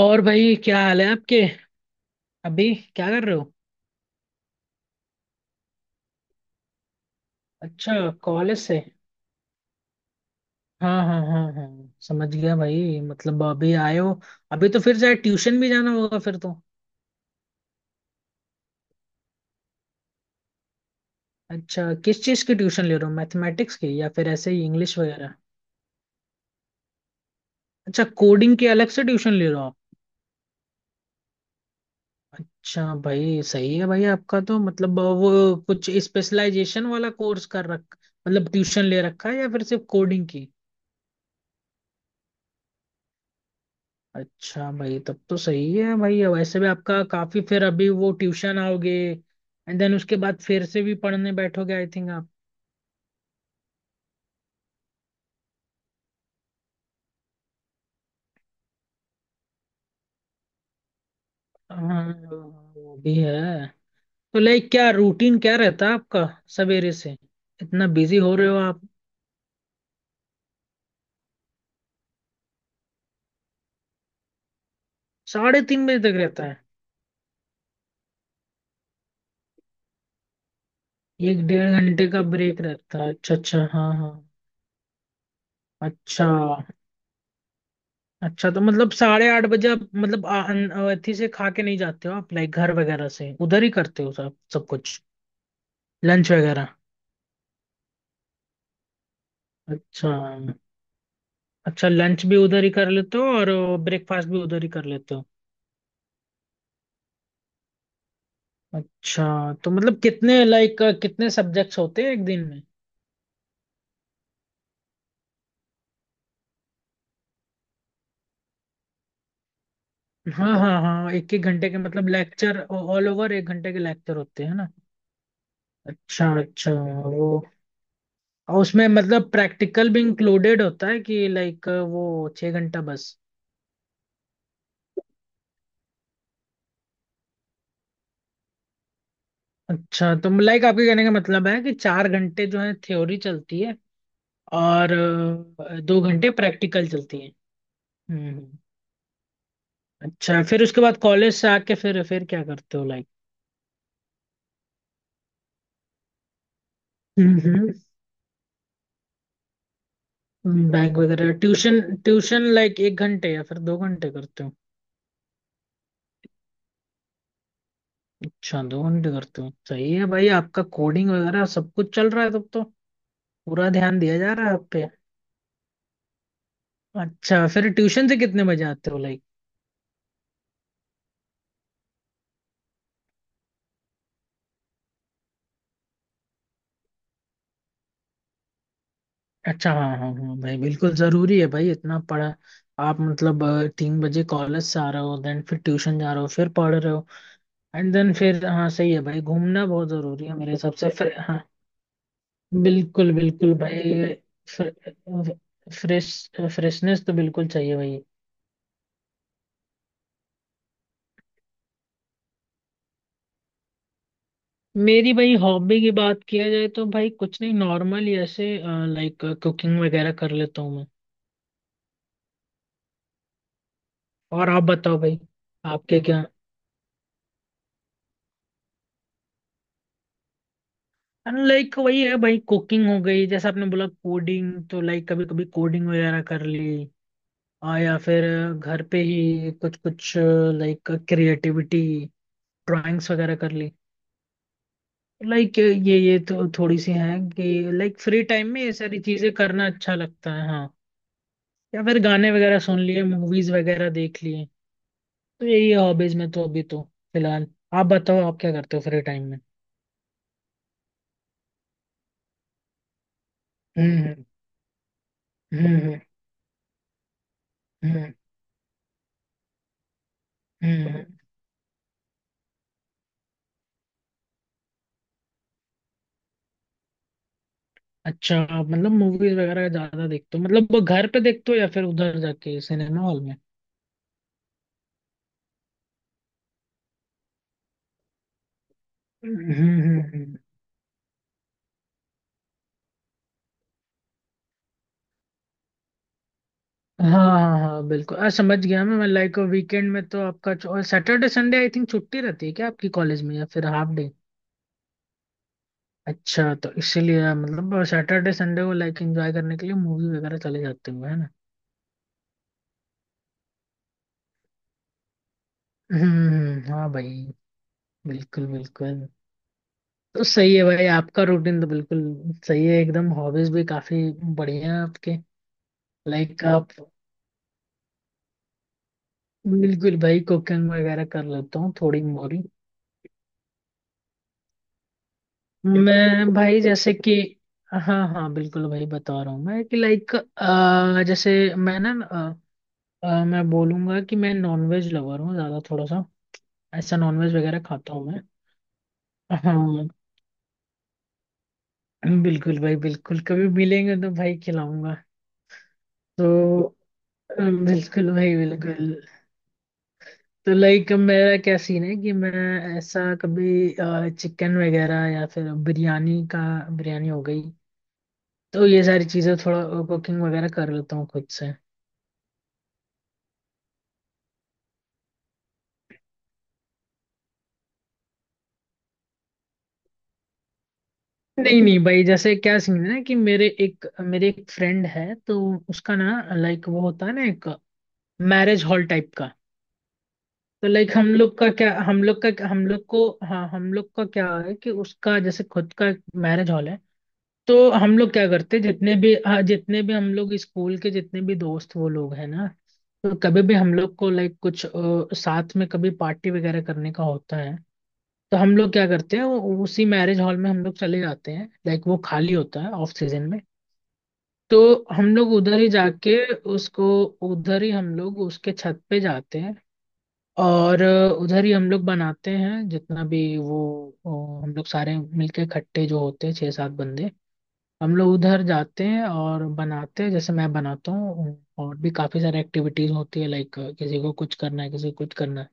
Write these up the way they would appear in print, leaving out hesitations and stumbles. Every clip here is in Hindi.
और भाई क्या हाल है आपके। अभी क्या कर रहे हो। अच्छा। कॉलेज से। हाँ हाँ हाँ हाँ, समझ गया भाई, मतलब अभी आए हो। अभी तो फिर शायद ट्यूशन भी जाना होगा फिर तो। अच्छा, किस चीज़ की ट्यूशन ले रहे हो, मैथमेटिक्स की या फिर ऐसे ही इंग्लिश वगैरह। अच्छा, कोडिंग की अलग से ट्यूशन ले रहे हो आप। अच्छा भाई, सही है भाई आपका तो, मतलब वो कुछ स्पेशलाइजेशन वाला कोर्स कर रख, मतलब ट्यूशन ले रखा है या फिर सिर्फ कोडिंग की। अच्छा भाई, तब तो सही है भाई, वैसे भी आपका काफी, फिर अभी वो ट्यूशन आओगे, एंड देन उसके बाद फिर से भी पढ़ने बैठोगे, आई थिंक आप। हाँ, वो भी है। तो लाइक क्या रूटीन क्या रहता है आपका सवेरे से। इतना बिजी हो रहे हो आप। 3:30 बजे तक रहता है। एक डेढ़ घंटे का ब्रेक रहता है, अच्छा अच्छा, हाँ हाँ। अच्छा। अच्छा, तो मतलब 8:30 बजे आप, मतलब अथी से खा के नहीं जाते हो आप, लाइक घर वगैरह से उधर ही करते हो सब सब कुछ। लंच वगैरह। अच्छा। अच्छा, लंच भी उधर ही कर लेते हो और ब्रेकफास्ट भी उधर ही कर लेते हो। अच्छा, तो मतलब कितने लाइक कितने सब्जेक्ट्स होते हैं एक दिन में। हाँ हाँ हाँ, एक एक घंटे के मतलब लेक्चर, ऑल ओवर एक घंटे के लेक्चर होते हैं ना। अच्छा अच्छा, वो और उसमें मतलब प्रैक्टिकल भी इंक्लूडेड होता है कि, लाइक वो 6 घंटा बस। अच्छा, तो लाइक आपके कहने का मतलब है कि 4 घंटे जो है थ्योरी चलती है और 2 घंटे प्रैक्टिकल चलती है। हम्म हम्म। अच्छा, फिर उसके बाद कॉलेज से आके फिर क्या करते हो लाइक। हम्म। बैंक वगैरह ट्यूशन। ट्यूशन लाइक एक घंटे या फिर दो घंटे करते हो। अच्छा, दो घंटे करते हो, सही है भाई आपका, कोडिंग वगैरह सब कुछ चल रहा है तब तो। पूरा ध्यान दिया जा रहा है आप पे। अच्छा, फिर ट्यूशन से कितने बजे आते हो लाइक। अच्छा हाँ हाँ हाँ भाई, बिल्कुल जरूरी है भाई इतना पढ़ा। आप मतलब 3 बजे कॉलेज से आ रहे हो, देन फिर ट्यूशन जा रहे हो, फिर पढ़ रहे हो, एंड देन फिर हाँ सही है भाई, घूमना बहुत जरूरी है मेरे हिसाब से फिर। बिल्कुल बिल्कुल भाई। फ्रेश फ्रेशनेस तो बिल्कुल चाहिए भाई। मेरी भाई हॉबी की बात किया जाए तो भाई कुछ नहीं, नॉर्मल ही ऐसे लाइक कुकिंग वगैरह कर लेता हूँ मैं। और आप बताओ भाई, आपके क्या। लाइक वही है भाई, कुकिंग हो गई जैसे आपने बोला कोडिंग, तो लाइक कभी कभी कोडिंग वगैरह कर ली, या फिर घर पे ही कुछ कुछ लाइक क्रिएटिविटी, ड्राइंग्स वगैरह कर ली, लाइक ये तो थोड़ी सी हैं कि लाइक फ्री टाइम में ये सारी चीजें करना अच्छा लगता है हाँ। या फिर गाने वगैरह सुन लिए, मूवीज वगैरह देख लिए, तो यही है हॉबीज में तो अभी तो फिलहाल। आप बताओ आप क्या करते हो फ्री टाइम में। हम्म हम्म हम्म। हम्म हम्म। अच्छा, आप मतलब मूवीज वगैरह ज्यादा देखते हो मतलब, वो घर पे देखते हो या फिर उधर जाके सिनेमा हॉल में। हम्म हम्म, हम्म। हाँ हाँ हाँ बिल्कुल, समझ गया मैं लाइक वीकेंड में तो आपका सैटरडे संडे आई थिंक छुट्टी रहती है क्या आपकी कॉलेज में या फिर हाफ डे? अच्छा, तो इसीलिए मतलब सैटरडे संडे को लाइक एंजॉय करने के लिए मूवी वगैरह चले जाते हो है ना। हाँ भाई, बिल्कुल बिल्कुल। तो सही है भाई आपका रूटीन तो बिल्कुल सही है एकदम, हॉबीज भी काफी बढ़िया है आपके। लाइक आप। बिल्कुल भाई, कुकिंग वगैरह कर लेता हूँ थोड़ी मोरी। मैं भाई जैसे कि, हाँ हाँ बिल्कुल भाई बता रहा हूँ मैं कि लाइक, जैसे मैं ना अ, अ, मैं बोलूंगा कि मैं नॉनवेज लवर हूँ ज्यादा थोड़ा सा, ऐसा नॉनवेज वगैरह खाता हूँ मैं। हाँ बिल्कुल भाई बिल्कुल, कभी मिलेंगे तो भाई खिलाऊंगा। तो अ, बिल्कुल भाई बिल्कुल। तो लाइक मेरा क्या सीन है कि मैं ऐसा कभी चिकन वगैरह या फिर बिरयानी का, बिरयानी हो गई, तो ये सारी चीजें थोड़ा कुकिंग वगैरह कर लेता हूँ खुद से। नहीं नहीं भाई, जैसे क्या सीन है ना कि मेरे एक फ्रेंड है तो उसका ना लाइक, वो होता है ना एक मैरिज हॉल टाइप का। तो लाइक हम लोग को। हाँ हम लोग का क्या है कि उसका जैसे खुद का मैरिज हॉल है। तो हम लोग क्या करते जितने भी हाँ, जितने भी हम लोग स्कूल के जितने भी दोस्त वो लोग हैं ना। तो कभी भी हम लोग को लाइक कुछ साथ में कभी पार्टी वगैरह करने का होता है। तो हम लोग क्या करते हैं, वो उसी मैरिज हॉल में हम लोग चले जाते हैं, लाइक वो खाली होता है ऑफ सीजन में। तो हम लोग उधर ही जाके उसको, उधर ही हम लोग उसके छत पे जाते हैं और उधर ही हम लोग बनाते हैं जितना भी वो हम लोग सारे मिलके इकट्ठे जो होते हैं छः सात बंदे, हम लोग उधर जाते हैं और बनाते हैं जैसे मैं बनाता हूँ, और भी काफ़ी सारी एक्टिविटीज़ होती है लाइक किसी को कुछ करना है किसी को कुछ करना है,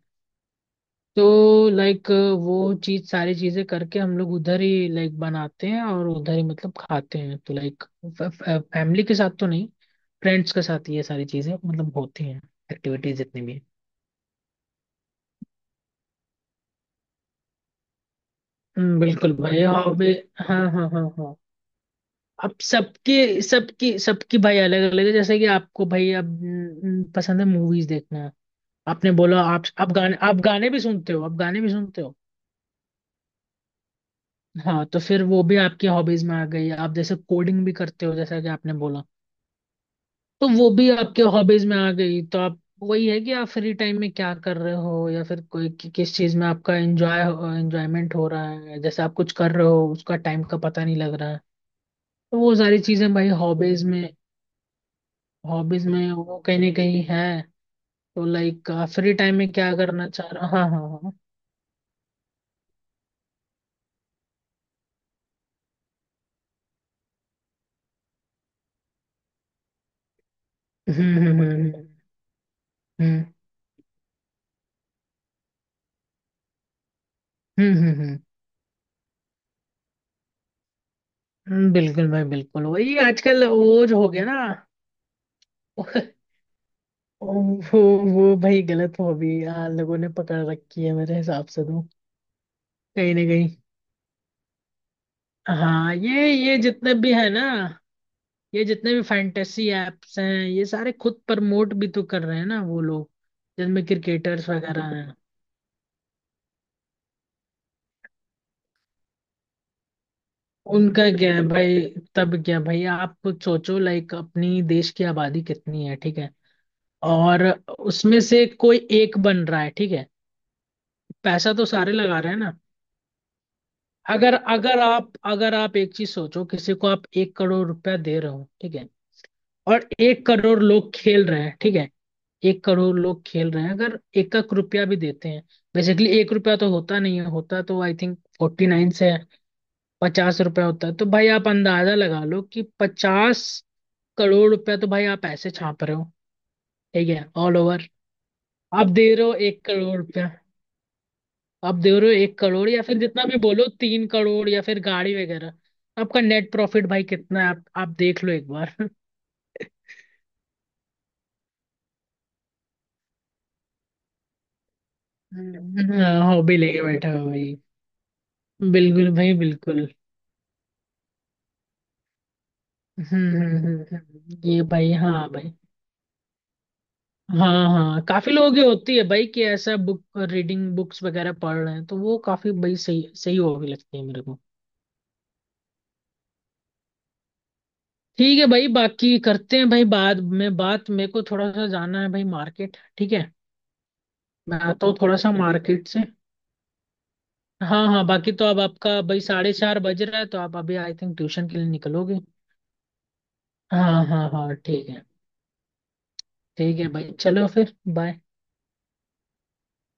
तो लाइक वो चीज़ सारी चीज़ें करके हम लोग उधर ही लाइक बनाते हैं और उधर ही मतलब खाते हैं, तो लाइक फैमिली के साथ तो नहीं, फ्रेंड्स के साथ ये सारी चीज़ें मतलब होती हैं, एक्टिविटीज़ जितनी भी हैं। बिल्कुल भाई हॉबी। हाँ हाँ हाँ हाँ। अब सबके सबकी सबकी भाई अलग अलग है जैसे कि आपको भाई अब पसंद है मूवीज देखना। आपने बोला, आप गाने भी सुनते हो, आप गाने भी सुनते हो। हाँ तो फिर वो भी आपकी हॉबीज में आ गई, आप जैसे कोडिंग भी करते हो जैसा कि आपने बोला। तो वो भी आपके हॉबीज में आ गई, तो आप वही है कि आप फ्री टाइम में क्या कर रहे हो या फिर कोई कि, किस चीज में आपका एंजॉयमेंट हो रहा है जैसे आप कुछ कर रहे हो उसका टाइम का पता नहीं लग रहा है। तो वो सारी चीजें भाई हॉबीज में वो कहीं ना कहीं है। तो लाइक फ्री टाइम में क्या करना चाह रहा हाँ हाँ हाँ। हम्म हम्म हम्म हम्म हम्म हम्म, हम्म, बिल्कुल भाई बिल्कुल वही आजकल वो जो हो गया ना। वो वो भाई गलत हॉबी लोगों ने पकड़ रखी है मेरे हिसाब से तो कहीं ना कहीं। हाँ ये जितने भी है ना, ये जितने भी फैंटेसी एप्स हैं ये सारे खुद प्रमोट भी तो कर रहे हैं ना वो लोग, जिनमें क्रिकेटर्स वगैरह। उनका क्या है भाई, तब क्या भाई आप कुछ सोचो लाइक अपनी देश की आबादी कितनी है, ठीक है। और उसमें से कोई एक बन रहा है, ठीक है। पैसा तो सारे लगा रहे हैं ना। अगर अगर आप अगर आप एक चीज सोचो, किसी को आप 1 करोड़ रुपया दे रहे हो, ठीक है। और 1 करोड़ लोग खेल रहे हैं, ठीक है। एक करोड़ लोग खेल रहे हैं, अगर एक एक रुपया भी देते हैं। बेसिकली एक रुपया तो होता नहीं है, होता तो आई थिंक 49 से है। 50 रुपया होता है तो भाई आप अंदाजा लगा लो कि 50 करोड़ रुपया तो भाई आप ऐसे छाप रहे हो। ठीक है ऑल ओवर। आप दे रहे हो 1 करोड़ रुपया। आप दे रहे हो एक करोड़ या फिर जितना भी बोलो 3 करोड़ या फिर गाड़ी वगैरह। आपका नेट प्रॉफिट भाई कितना है, आप देख लो एक बार। हाँ, हॉबी लेके बैठा हो भाई। बिल्कुल भाई बिल्कुल। ये भाई हाँ भाई। हाँ हाँ काफी लोगों की होती है भाई कि ऐसा बुक रीडिंग, बुक्स वगैरह पढ़ रहे हैं तो वो काफी भाई सही सही होगी लगती है मेरे को। ठीक है भाई बाकी करते हैं भाई बाद में बात, मेरे को थोड़ा सा जाना है भाई मार्केट, ठीक है। मैं आता हूँ थोड़ा सा मार्केट से। हाँ हाँ बाकी तो अब आपका भाई 4:30 बज रहा है तो आप अभी आई थिंक ट्यूशन के लिए निकलोगे। हाँ हाँ हाँ ठीक है। ठीक है भाई चलो फिर बाय।